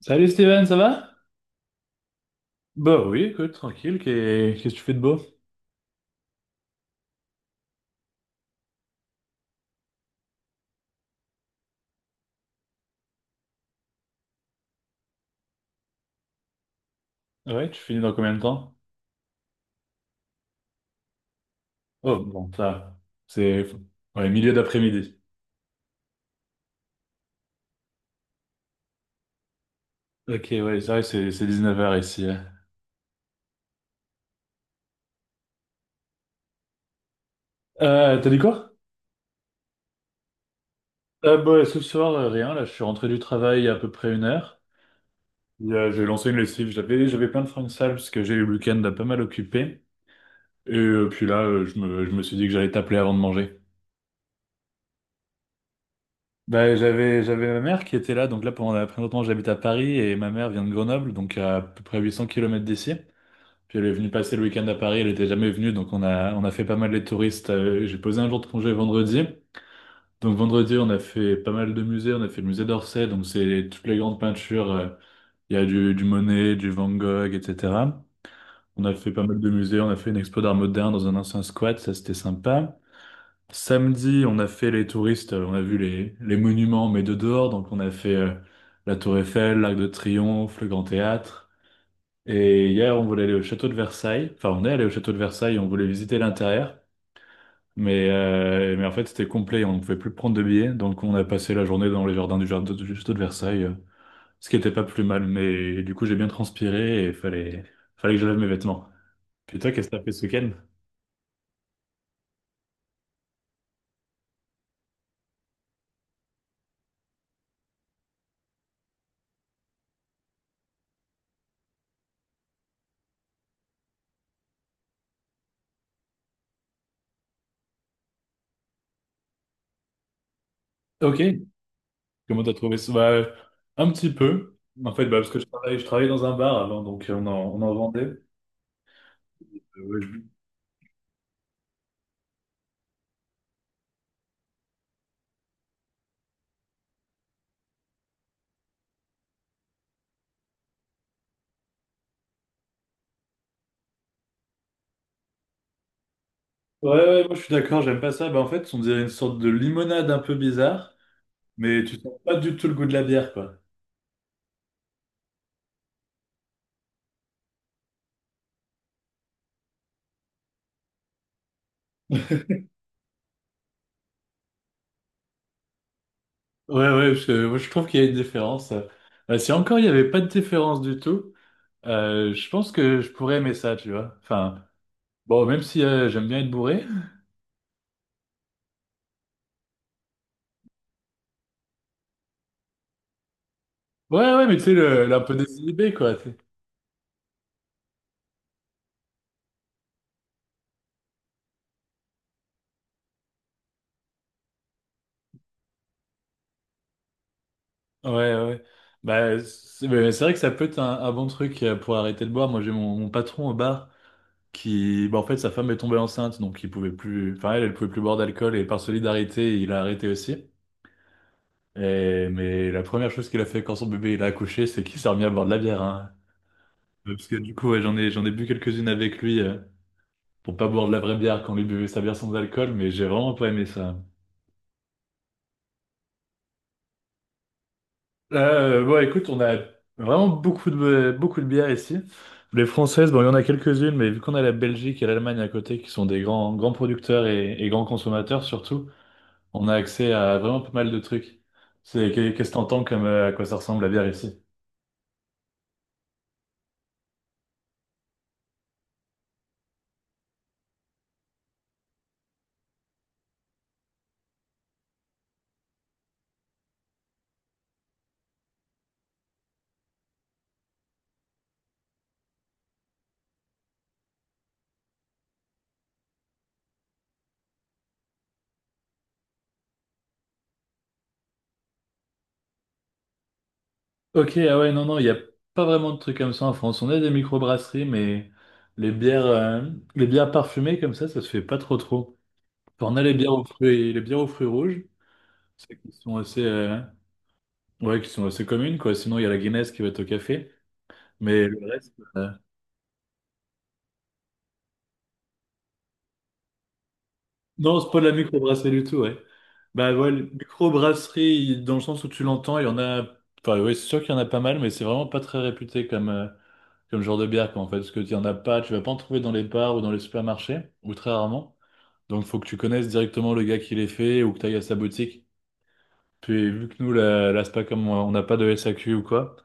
Salut Steven, ça va? Bah oui, écoute, tranquille, qu'est-ce que tu fais de beau? Ouais, tu finis dans combien de temps? Oh, bon, ça, va. C'est Ouais, milieu d'après-midi. Ok, ouais, c'est vrai, c'est 19h ici. Ouais. T'as dit quoi? Bah, ce soir, rien, là, je suis rentré du travail il y a à peu près une heure. Et, j'ai lancé une lessive, j'avais plein de fringues sales parce que j'ai eu le week-end pas mal occupé. Puis là, je me suis dit que j'allais t'appeler avant de manger. Bah, j'avais ma mère qui était là, donc là pendant pendant longtemps j'habite à Paris et ma mère vient de Grenoble, donc à peu près 800 kilomètres d'ici. Puis elle est venue passer le week-end à Paris, elle était jamais venue, donc on a fait pas mal les touristes. J'ai posé un jour de congé vendredi. Donc vendredi on a fait pas mal de musées, on a fait le musée d'Orsay, donc c'est toutes les grandes peintures. Il y a du Monet, du Van Gogh, etc. On a fait pas mal de musées, on a fait une expo d'art moderne dans un ancien squat, ça c'était sympa. Samedi, on a fait les touristes, on a vu les monuments, mais de dehors. Donc, on a fait la Tour Eiffel, l'Arc de Triomphe, le Grand Théâtre. Et hier, on voulait aller au château de Versailles. Enfin, on est allé au château de Versailles, on voulait visiter l'intérieur. Mais en fait, c'était complet, on ne pouvait plus prendre de billets. Donc, on a passé la journée dans les jardins du château de Versailles, ce qui n'était pas plus mal. Mais du coup, j'ai bien transpiré et fallait que je lave mes vêtements. Puis toi, qu'est-ce que t'as fait ce week-end? Ok. Comment t'as trouvé ça? Bah, un petit peu. En fait, bah, parce que je travaillais dans un bar avant, donc on en vendait. Ouais, ouais, ouais, moi je suis d'accord, j'aime pas ça. Bah, en fait, on dirait une sorte de limonade un peu bizarre, mais tu sens pas du tout le goût de la bière, quoi. Ouais, ouais, moi, je trouve qu'il y a une différence. Si encore il n'y avait pas de différence du tout, je pense que je pourrais aimer ça, tu vois. Enfin, bon, même si j'aime bien être bourré. Ouais, ouais, mais tu sais, un peu désinhibé, quoi. Ouais, ouais. Ouais. Bah, c'est mais c'est vrai que ça peut être un bon truc pour arrêter de boire. Moi, j'ai mon patron au bar qui, bah, en fait, sa femme est tombée enceinte, donc il pouvait plus, enfin, elle pouvait plus boire d'alcool et par solidarité, il a arrêté aussi. Et, mais la première chose qu'il a fait quand son bébé il a accouché, c'est qu'il s'est remis à boire de la bière, hein. Parce que du coup, ouais, j'en ai bu quelques-unes avec lui pour pas boire de la vraie bière quand lui buvait sa bière sans alcool, mais j'ai vraiment pas aimé ça. Bon, écoute, on a vraiment beaucoup de bières ici. Les françaises, bon, il y en a quelques-unes, mais vu qu'on a la Belgique et l'Allemagne à côté, qui sont des grands, grands producteurs et grands consommateurs surtout, on a accès à vraiment pas mal de trucs. Qu'est- ce que t'entends comme à quoi ça ressemble la bière ici? Ok, ah ouais, non, non, il n'y a pas vraiment de trucs comme ça en France. On a des microbrasseries, mais les bières, euh, les bières parfumées comme ça se fait pas trop trop. Enfin, on a les bières aux fruits, les bières aux fruits rouges, celles qui sont ouais, qui sont assez communes, quoi. Sinon, il y a la Guinness qui va être au café. Mais le reste. Non, c'est pas de la microbrasserie du tout, ouais. Bah ouais, microbrasserie, dans le sens où tu l'entends, il y en a. Enfin, ouais, c'est sûr qu'il y en a pas mal, mais c'est vraiment pas très réputé comme genre de bière, quoi, en fait. Parce que tu en as pas, tu vas pas en trouver dans les bars ou dans les supermarchés, ou très rarement. Donc, faut que tu connaisses directement le gars qui les fait ou que tu ailles à sa boutique. Puis vu que nous, la SPA, comme on n'a pas de S A Q ou quoi,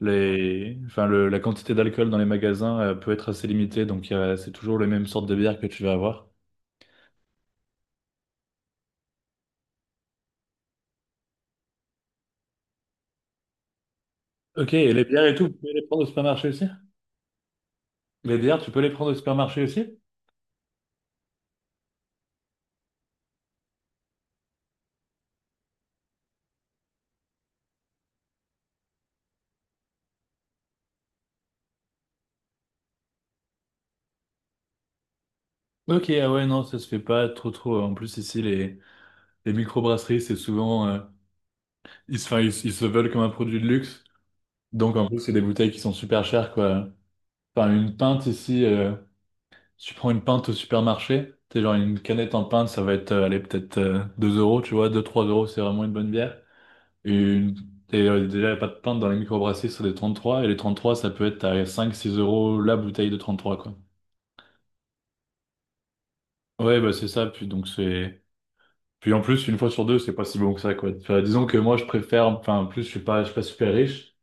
la quantité d'alcool dans les magasins peut être assez limitée, donc il y a c'est toujours les mêmes sortes de bières que tu vas avoir. Ok, et les bières et tout, vous pouvez les prendre au supermarché aussi? Les bières, tu peux les prendre au supermarché aussi? Ok, ah ouais, non, ça se fait pas trop trop. En plus, ici, les microbrasseries, c'est souvent ils se veulent comme un produit de luxe, donc en plus, c'est des bouteilles qui sont super chères, quoi. Enfin, une pinte ici. Si tu prends une pinte au supermarché, t'es genre une canette en pinte, ça va être, allez, peut-être 2 euros, tu vois, deux trois euros, c'est vraiment une bonne bière. Et, une... et Déjà, il n'y a pas de pinte dans les microbrasseries, c'est des 33 et les 33 ça peut être à cinq six euros la bouteille de 33 quoi. Ouais, bah c'est ça, puis donc c'est. Puis en plus, une fois sur deux, c'est pas si bon que ça, quoi. Enfin, disons que moi, je préfère, enfin, en plus, je suis pas super riche,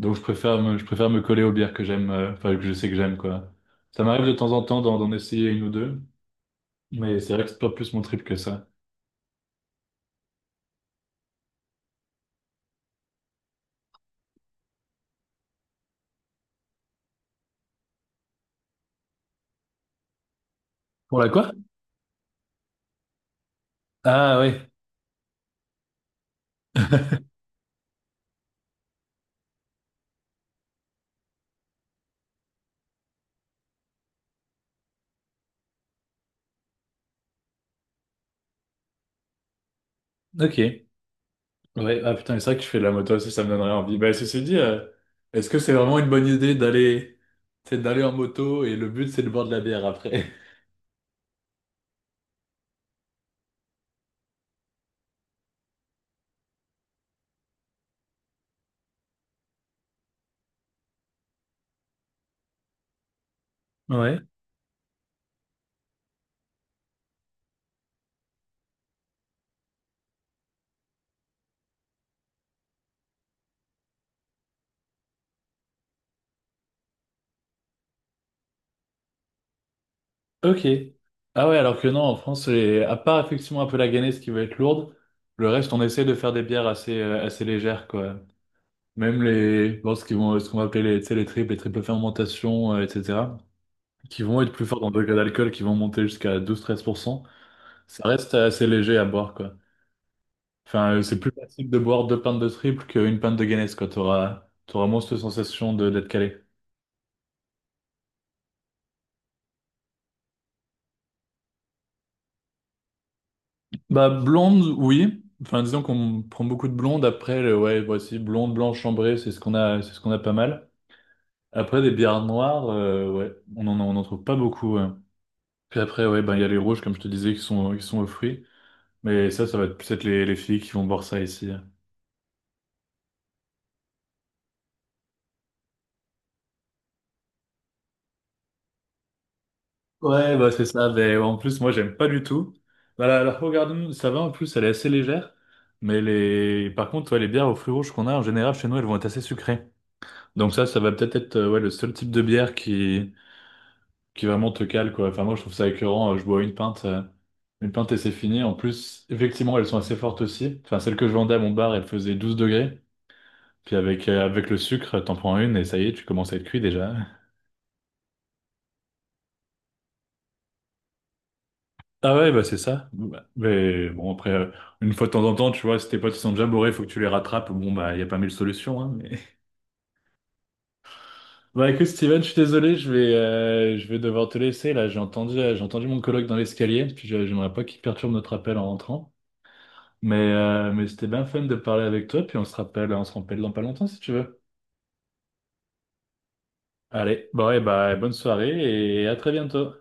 donc je préfère me coller aux bières que j'aime, enfin, que je sais que j'aime, quoi. Ça m'arrive de temps en temps d'en essayer une ou deux, mais c'est vrai que c'est pas plus mon trip que ça. Pour la quoi? Ah ouais, ok. Ouais, ah putain, mais c'est vrai que je fais de la moto aussi, ça me donnerait envie. Bah, ceci dit, est-ce que c'est vraiment une bonne idée d'aller c'est d'aller en moto et le but c'est de boire de la bière après? Ouais, ok. Ah ouais, alors que non, en France, à part effectivement un peu la Guinness qui va être lourde, le reste, on essaie de faire des bières assez légères, quoi. Même les, bon, ce qu'on va appeler les, tu sais, les triples fermentations, etc., qui vont être plus fortes en degré d'alcool, qui vont monter jusqu'à 12-13%, ça reste assez léger à boire, quoi. Enfin, c'est plus facile de boire deux pintes de triple qu'une pinte de Guinness, quoi. T'auras moins cette sensation de d'être calé. Bah, blonde, oui. Enfin, disons qu'on prend beaucoup de blondes. Après, ouais, voici, blonde, blanche, chambrée, c'est ce qu'on a, c'est ce qu'on a pas mal. Après, des bières noires, ouais, on en trouve pas beaucoup, hein. Puis après, ouais, ben, il y a les rouges, comme je te disais, qui sont aux fruits. Mais ça va être peut être les filles qui vont boire ça ici, hein. Ouais, bah c'est ça. Mais en plus, moi, j'aime pas du tout. Bah, la Hoegaarden, ça va. En plus, elle est assez légère. Mais par contre, ouais, les bières au fruits rouges qu'on a en général chez nous, elles vont être assez sucrées. Donc ça va peut-être être, ouais, le seul type de bière qui vraiment te cale, quoi. Enfin, moi, je trouve ça écœurant. Je bois une pinte et c'est fini. En plus, effectivement, elles sont assez fortes aussi. Enfin, celle que je vendais à mon bar, elle faisait 12 degrés. Puis avec le sucre, t'en prends une et ça y est, tu commences à être cuit déjà. Ah ouais, bah c'est ça. Bon, bah, mais bon, après, une fois de temps en temps, tu vois, si tes potes ils sont déjà bourrés, faut que tu les rattrapes. Bon, bah, il y a pas mille solutions, hein, mais... Bah écoute, Steven, je suis désolé, je vais devoir te laisser. Là, j'ai entendu mon coloc dans l'escalier, puis j'aimerais pas qu'il perturbe notre appel en rentrant. Mais c'était bien fun de parler avec toi, puis on se rappelle dans pas longtemps si tu veux. Allez, bon, et bah, bonne soirée et à très bientôt.